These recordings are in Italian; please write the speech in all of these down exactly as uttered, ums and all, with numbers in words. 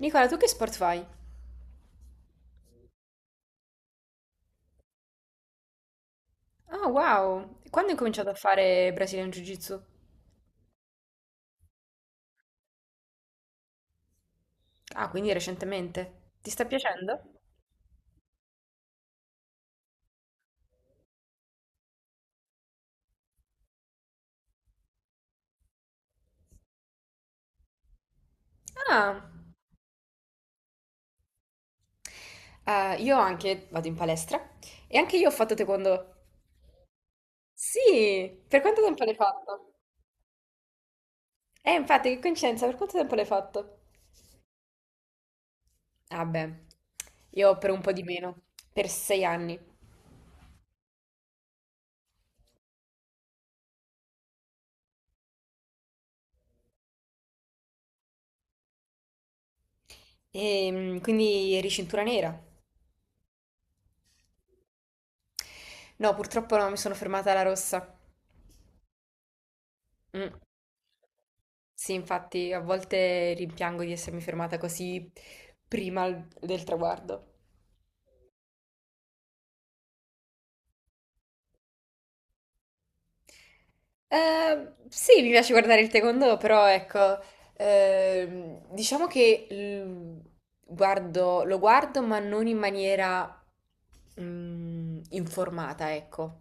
Nicola, tu che sport fai? Ah, wow! Quando hai cominciato a fare Brazilian Jiu-Jitsu? Ah, quindi recentemente. Ti sta piacendo? Ah, eh, io anche vado in palestra e anche io ho fatto taekwondo. Sì, per quanto tempo l'hai fatto? Eh, infatti, che coincidenza, per quanto tempo l'hai fatto? Ah, beh, io per un po' di meno, per sei anni. E quindi eri cintura nera? No, purtroppo no, mi sono fermata alla rossa. Mm. Sì, infatti a volte rimpiango di essermi fermata così prima al- del traguardo. Eh, sì, mi piace guardare il taekwondo, però ecco, ehm, diciamo che l- guardo- lo guardo ma non in maniera mm, informata, ecco.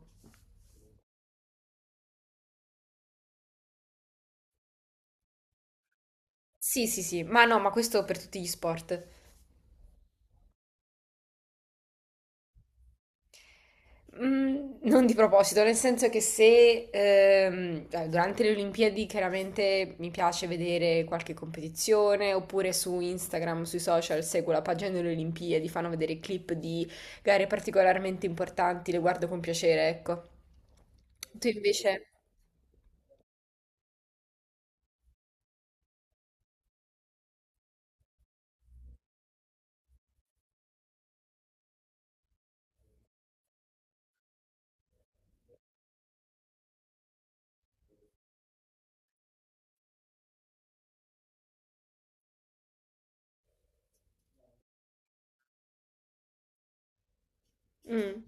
Sì, sì, sì, ma no, ma questo per tutti gli sport. Mm, non di proposito, nel senso che se ehm, eh, durante le Olimpiadi chiaramente mi piace vedere qualche competizione, oppure su Instagram, sui social, seguo la pagina delle Olimpiadi, fanno vedere clip di gare particolarmente importanti, le guardo con piacere, ecco. Tu invece? Mm.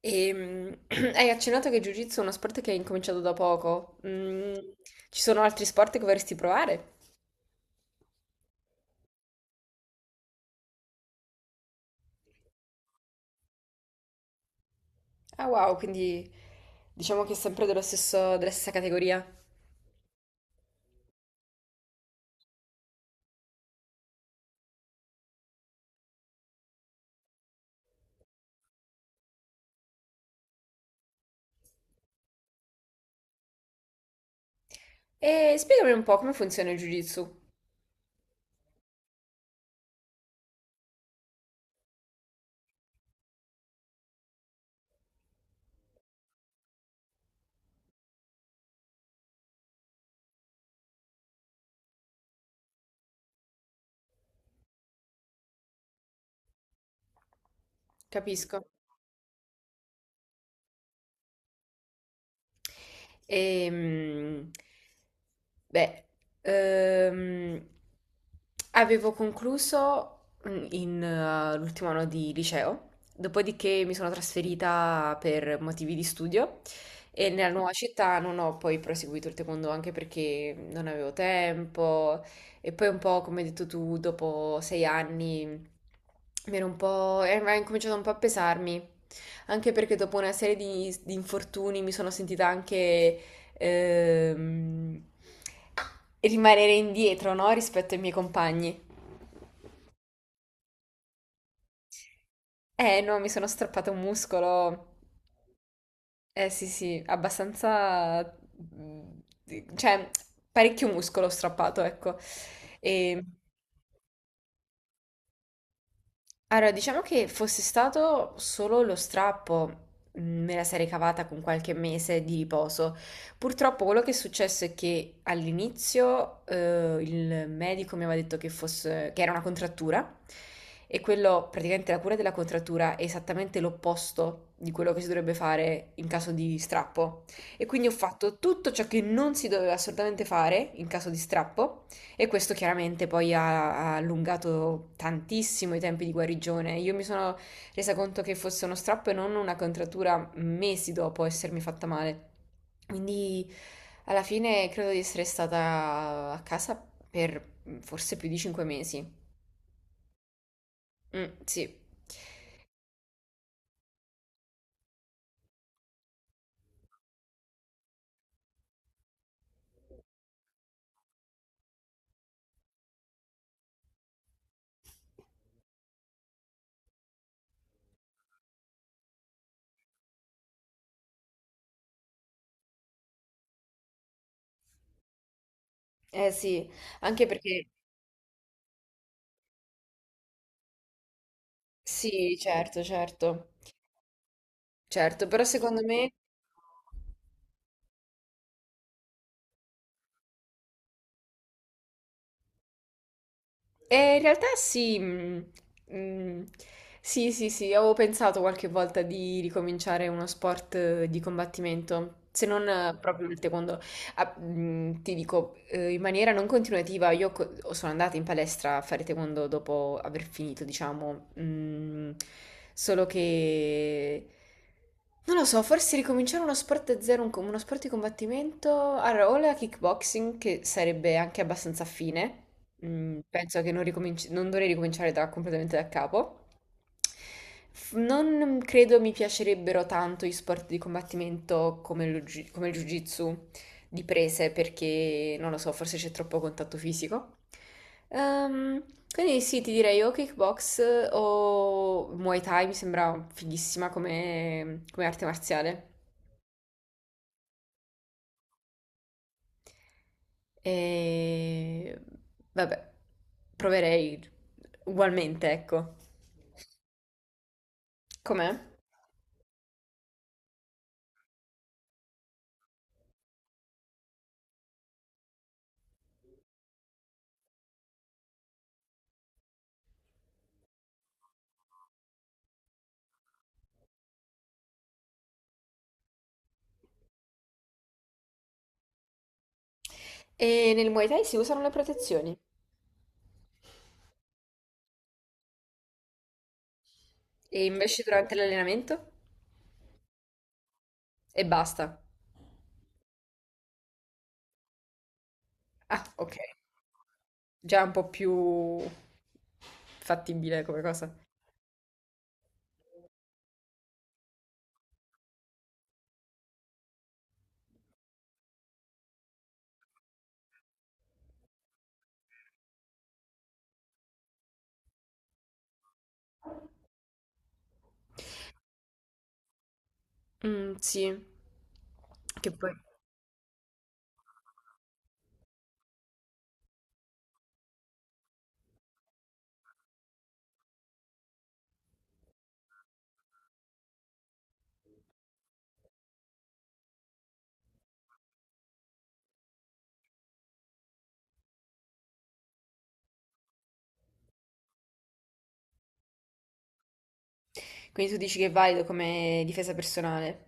E, hai accennato che Jiu-Jitsu è uno sport che hai incominciato da poco. Mm, ci sono altri sport che vorresti provare? Ah, wow, quindi diciamo che è sempre dello stesso, della stessa categoria. E spiegami un po' come funziona il Jiu-Jitsu. Capisco. Ehm, beh, ehm, avevo concluso mm, in, eh, l'ultimo anno di liceo, dopodiché mi sono trasferita per motivi di studio e nella nuova città non ho poi proseguito il taekwondo anche perché non avevo tempo. E poi un po', come hai detto tu, dopo sei anni mi ero un po'... era incominciato un po' a pesarmi, anche perché dopo una serie di, di infortuni mi sono sentita anche ehm, rimanere indietro, no? Rispetto ai miei compagni. Eh no, mi sono strappato un muscolo. Eh sì, sì, abbastanza... mm, cioè, parecchio muscolo ho strappato, ecco. E... Allora, diciamo che fosse stato solo lo strappo, mm, me la sarei cavata con qualche mese di riposo. Purtroppo quello che è successo è che all'inizio eh, il medico mi aveva detto che fosse- che era una contrattura e quello, praticamente la cura della contrattura è esattamente l'opposto di quello che si dovrebbe fare in caso di strappo. E quindi ho fatto tutto ciò che non si doveva assolutamente fare in caso di strappo. E questo chiaramente poi ha, ha allungato tantissimo i tempi di guarigione. Io mi sono resa conto che fosse uno strappo e non una contrattura mesi dopo essermi fatta male. Quindi alla fine credo di essere stata a casa per forse più di cinque mesi. Mm, sì. Eh sì, anche perché sì, certo, certo. Certo, però secondo me... E in realtà sì, mm, mm, sì, sì, sì, avevo pensato qualche volta di ricominciare uno sport eh, di combattimento, se non eh, proprio il taekwondo. Ah, mm, ti dico, eh, in maniera non continuativa, io co- sono andata in palestra a fare taekwondo dopo aver finito, diciamo, mm, solo che... Non lo so, forse ricominciare uno sport da zero, un co- uno sport di combattimento, allora, o la kickboxing, che sarebbe anche abbastanza affine. Mm, penso che non, ricominci- non dovrei ricominciare da- completamente da capo. F- Non credo mi piacerebbero tanto gli sport di combattimento come lo gi- come il jiu-jitsu di prese perché, non lo so, forse c'è troppo contatto fisico. Ehm, quindi sì, ti direi o kickbox eh, o Muay Thai, mi sembra fighissima come, come arte marziale. E vabbè, proverei ugualmente, ecco. Com'è? E nel Muay Thai si usano le protezioni. E invece durante l'allenamento? E basta. Ah, ok. Già un po' più fattibile come cosa. Mm, sì. Che poi... Quindi tu dici che è valido come difesa personale.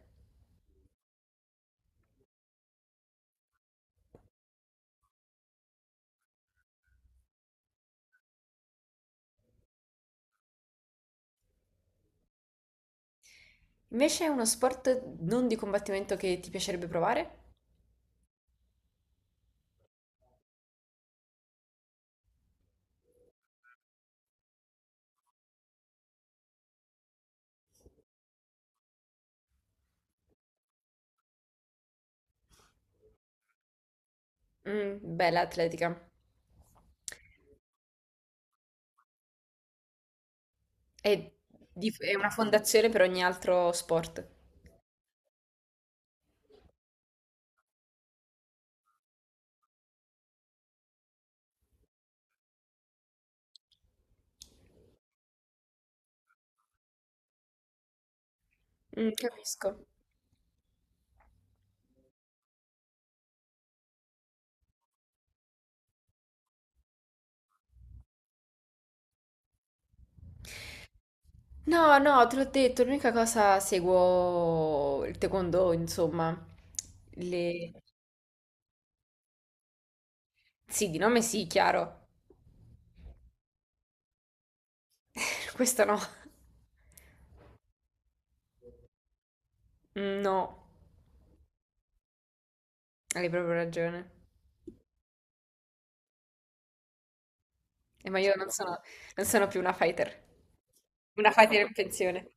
Invece è uno sport non di combattimento che ti piacerebbe provare? Mm, bella atletica. È, di- è una fondazione per ogni altro sport. Mm, capisco. No, no, te l'ho detto, l'unica cosa seguo il taekwondo, insomma. Le... Sì, di nome sì, chiaro. Questo no. Mm, no, hai proprio ragione. Eh, ma io non sono, non sono più una fighter. Una fighter in pensione.